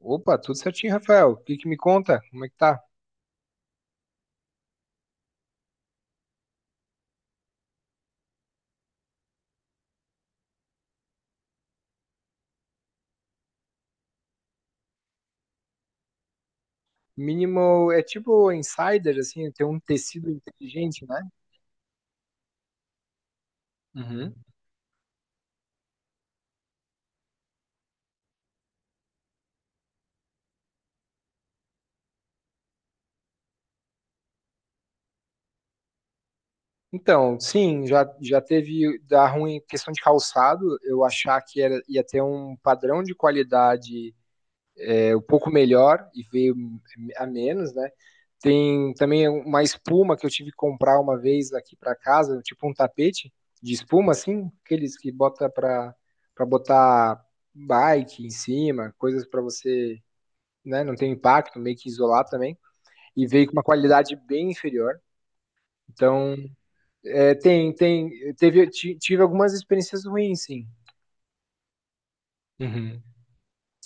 Opa, tudo certinho, Rafael. O que que me conta? Como é que tá? Minimal é tipo insider, assim, tem um tecido inteligente, né? Uhum. Então, sim, já teve dar ruim em questão de calçado, eu achar que era, ia ter um padrão de qualidade é um pouco melhor e veio a menos, né? Tem também uma espuma que eu tive que comprar uma vez aqui para casa, tipo um tapete de espuma, assim, aqueles que bota para botar bike em cima, coisas para você, né, não ter impacto, meio que isolar também. E veio com uma qualidade bem inferior. Então, é, tive algumas experiências ruins, sim. Uhum.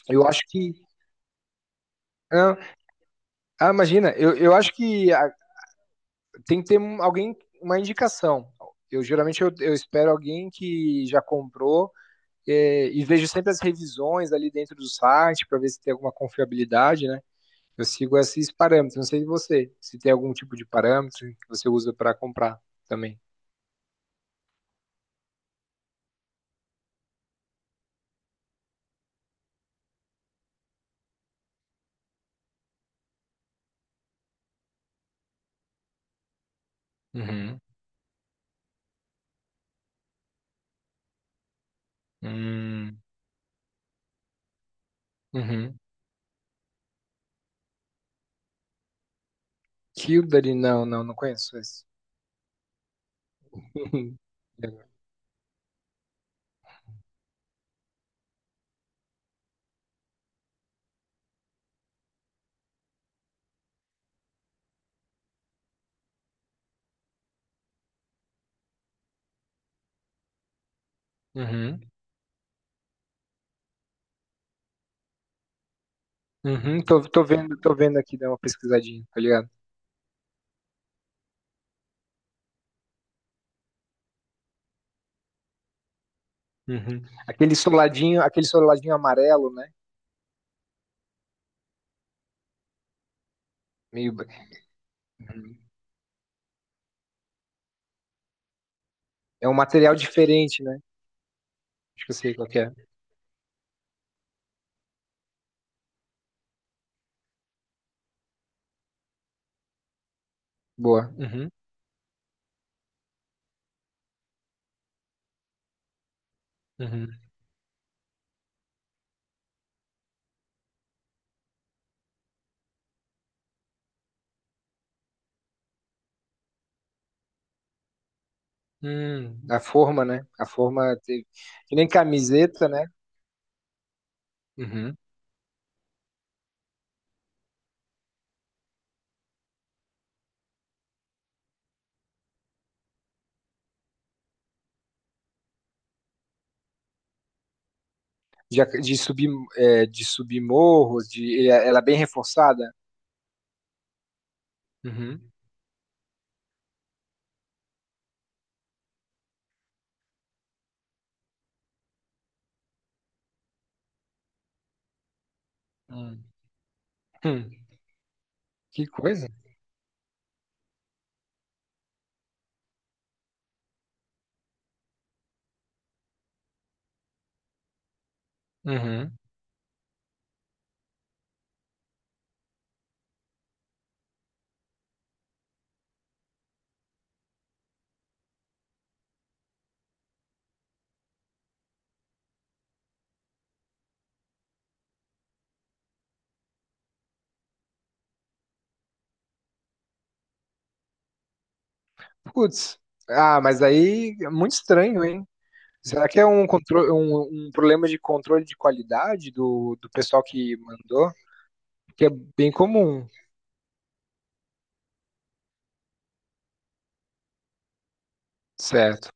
Eu acho que. Ah, ah, imagina, eu acho que tem que ter alguém, uma indicação. Eu geralmente eu espero alguém que já comprou é, e vejo sempre as revisões ali dentro do site para ver se tem alguma confiabilidade, né? Eu sigo esses parâmetros. Não sei de você, se tem algum tipo de parâmetro que você usa para comprar também. Uhum. Hum. Uhum. Kildare, não, não, não conheço esse. Uhum. Uhum. Tô vendo aqui, dá uma pesquisadinha, tá ligado? Uhum. Aquele soladinho amarelo, né? Meio, Uhum. É um material diferente, né? Acho que eu sei qual que é. Boa. Uhum. Uhum. A forma, né? A forma teve... que nem camiseta, né? Uhum. De subir, de subir morros, ela é bem reforçada. Uhum. Hum. Hum. Que coisa. Uhum. Putz. Ah, mas aí é muito estranho, hein? Será que é um problema de controle de qualidade do pessoal que mandou? Que é bem comum, certo?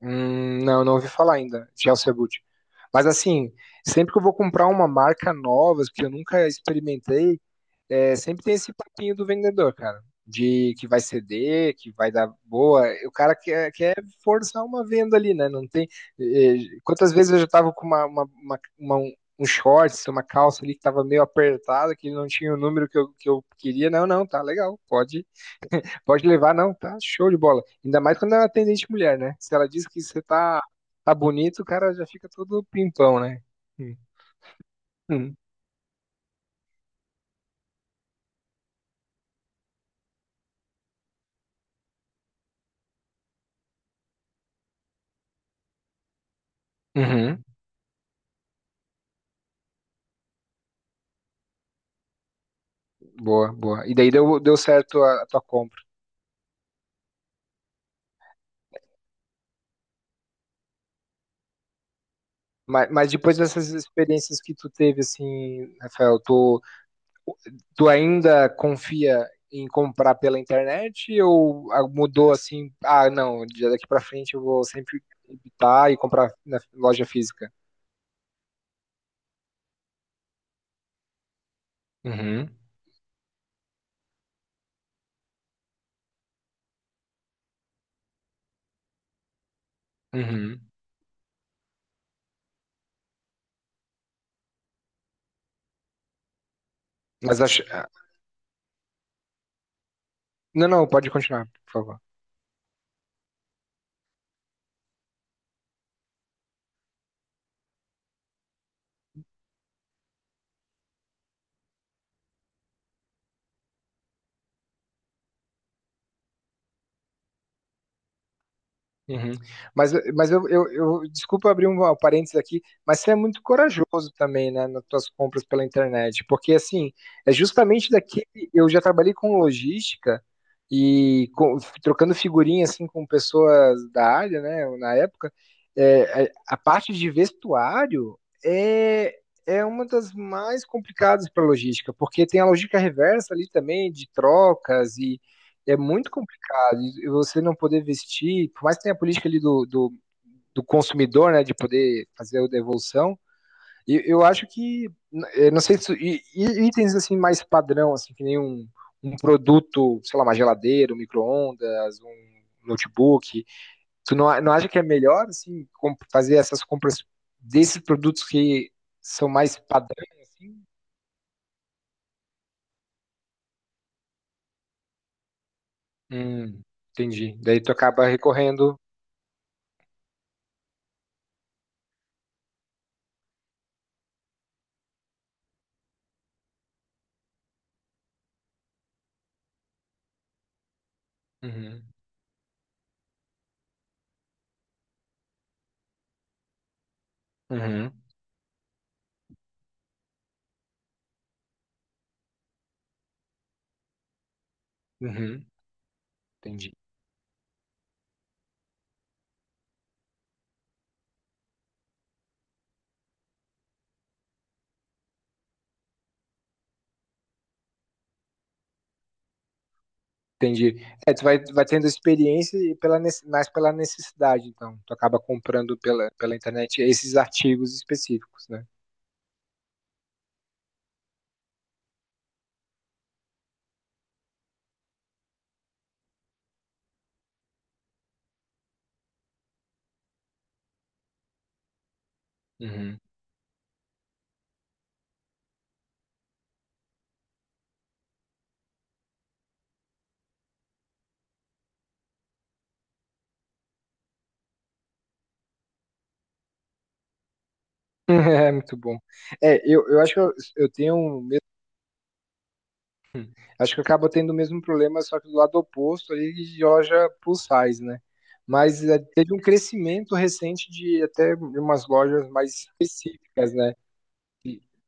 Não, não ouvi falar ainda de Elcia Boot. Mas assim, sempre que eu vou comprar uma marca nova, que eu nunca experimentei, é, sempre tem esse papinho do vendedor, cara. De que vai ceder, que vai dar boa. E o cara quer forçar uma venda ali, né? Não tem. eh, Quantas vezes eu já tava com um shorts, uma calça ali que tava meio apertada, que não tinha o número que eu queria. Não, não, tá legal, pode. Pode levar, não, tá show de bola. Ainda mais quando é uma atendente mulher, né? Se ela diz que você tá bonito, o cara já fica todo pimpão, né? Hum, hum. Uhum. Boa, boa. E daí deu certo a tua compra. Mas depois dessas experiências que tu teve, assim, Rafael, tu ainda confia em comprar pela internet ou mudou assim? Ah, não, de daqui pra frente eu vou sempre evitar e comprar na loja física. Uhum, uhum. Mas acho. Não, não, pode continuar, por favor. Uhum. Mas desculpa abrir um parênteses aqui, mas você é muito corajoso também, né, nas suas compras pela internet, porque assim, é justamente daqui eu já trabalhei com logística e trocando figurinha assim com pessoas da área, né, na época, é, a parte de vestuário é é uma das mais complicadas para logística, porque tem a logística reversa ali também de trocas e é muito e você não poder vestir, por mais que tenha a política ali do consumidor, né, de poder fazer a devolução, eu acho que, eu não sei, se, e itens assim mais padrão, assim, que nem um produto, sei lá, uma geladeira, um micro-ondas, um notebook, tu não, não acha que é melhor, assim, fazer essas compras desses produtos que são mais padrão, assim? Hum, entendi. Daí tu acaba recorrendo. Uhum, uhum, uhum, entendi. Entendi. É, tu vai tendo experiência e mais pela necessidade, então. Tu acaba comprando pela internet esses artigos específicos, né? Uhum. É muito bom. É, eu acho que eu tenho. Acho que eu acabo tendo o mesmo problema, só que do lado oposto ali de loja plus size, né? Mas é, teve um crescimento recente de até umas lojas mais específicas, né?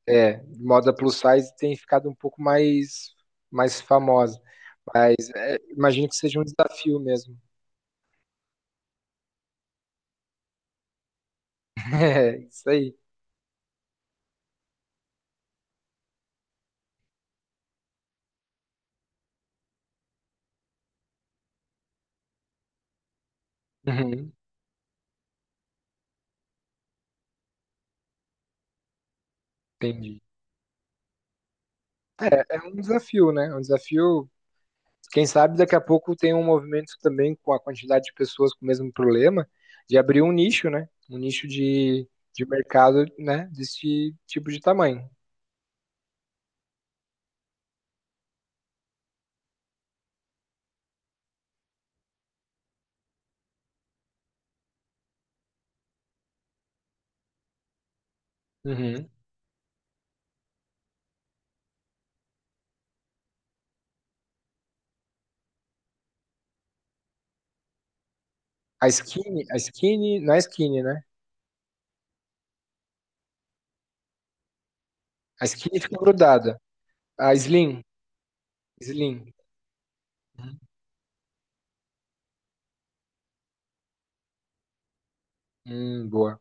É, moda plus size tem ficado um pouco mais famosa. Imagino que seja um desafio mesmo. É, isso aí. Uhum, entendi. É, é um desafio, né? É um desafio. Quem sabe daqui a pouco tem um movimento também com a quantidade de pessoas com o mesmo problema, de abrir um nicho, né? Um nicho de mercado, né? Desse tipo de tamanho. Uhum. A skinny, não é skinny, né? A skinny fica grudada. A slim, slim. Uhum. Boa.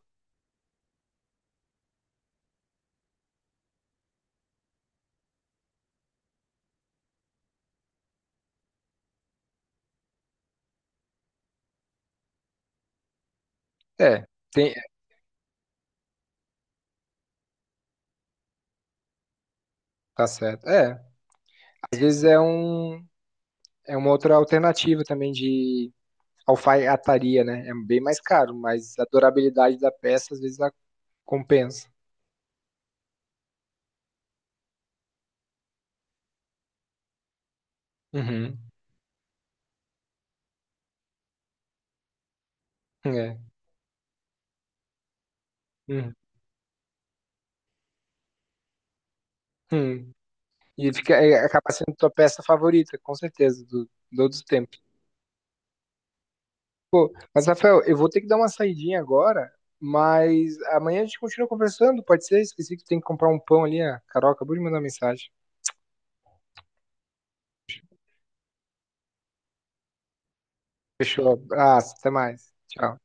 É, tem, tá certo. É, às vezes é uma outra alternativa também de alfaiataria, né? É bem mais caro, mas a durabilidade da peça às vezes ela compensa. Uhum. É. Uhum. Uhum. E fica, é, acaba sendo tua peça favorita, com certeza, do, de todos os tempos. Pô, mas, Rafael, eu vou ter que dar uma saidinha agora, mas amanhã a gente continua conversando, pode ser? Esqueci que tem que comprar um pão ali, a Carol acabou de mandar mensagem. Fechou. Ah, até mais. Tchau.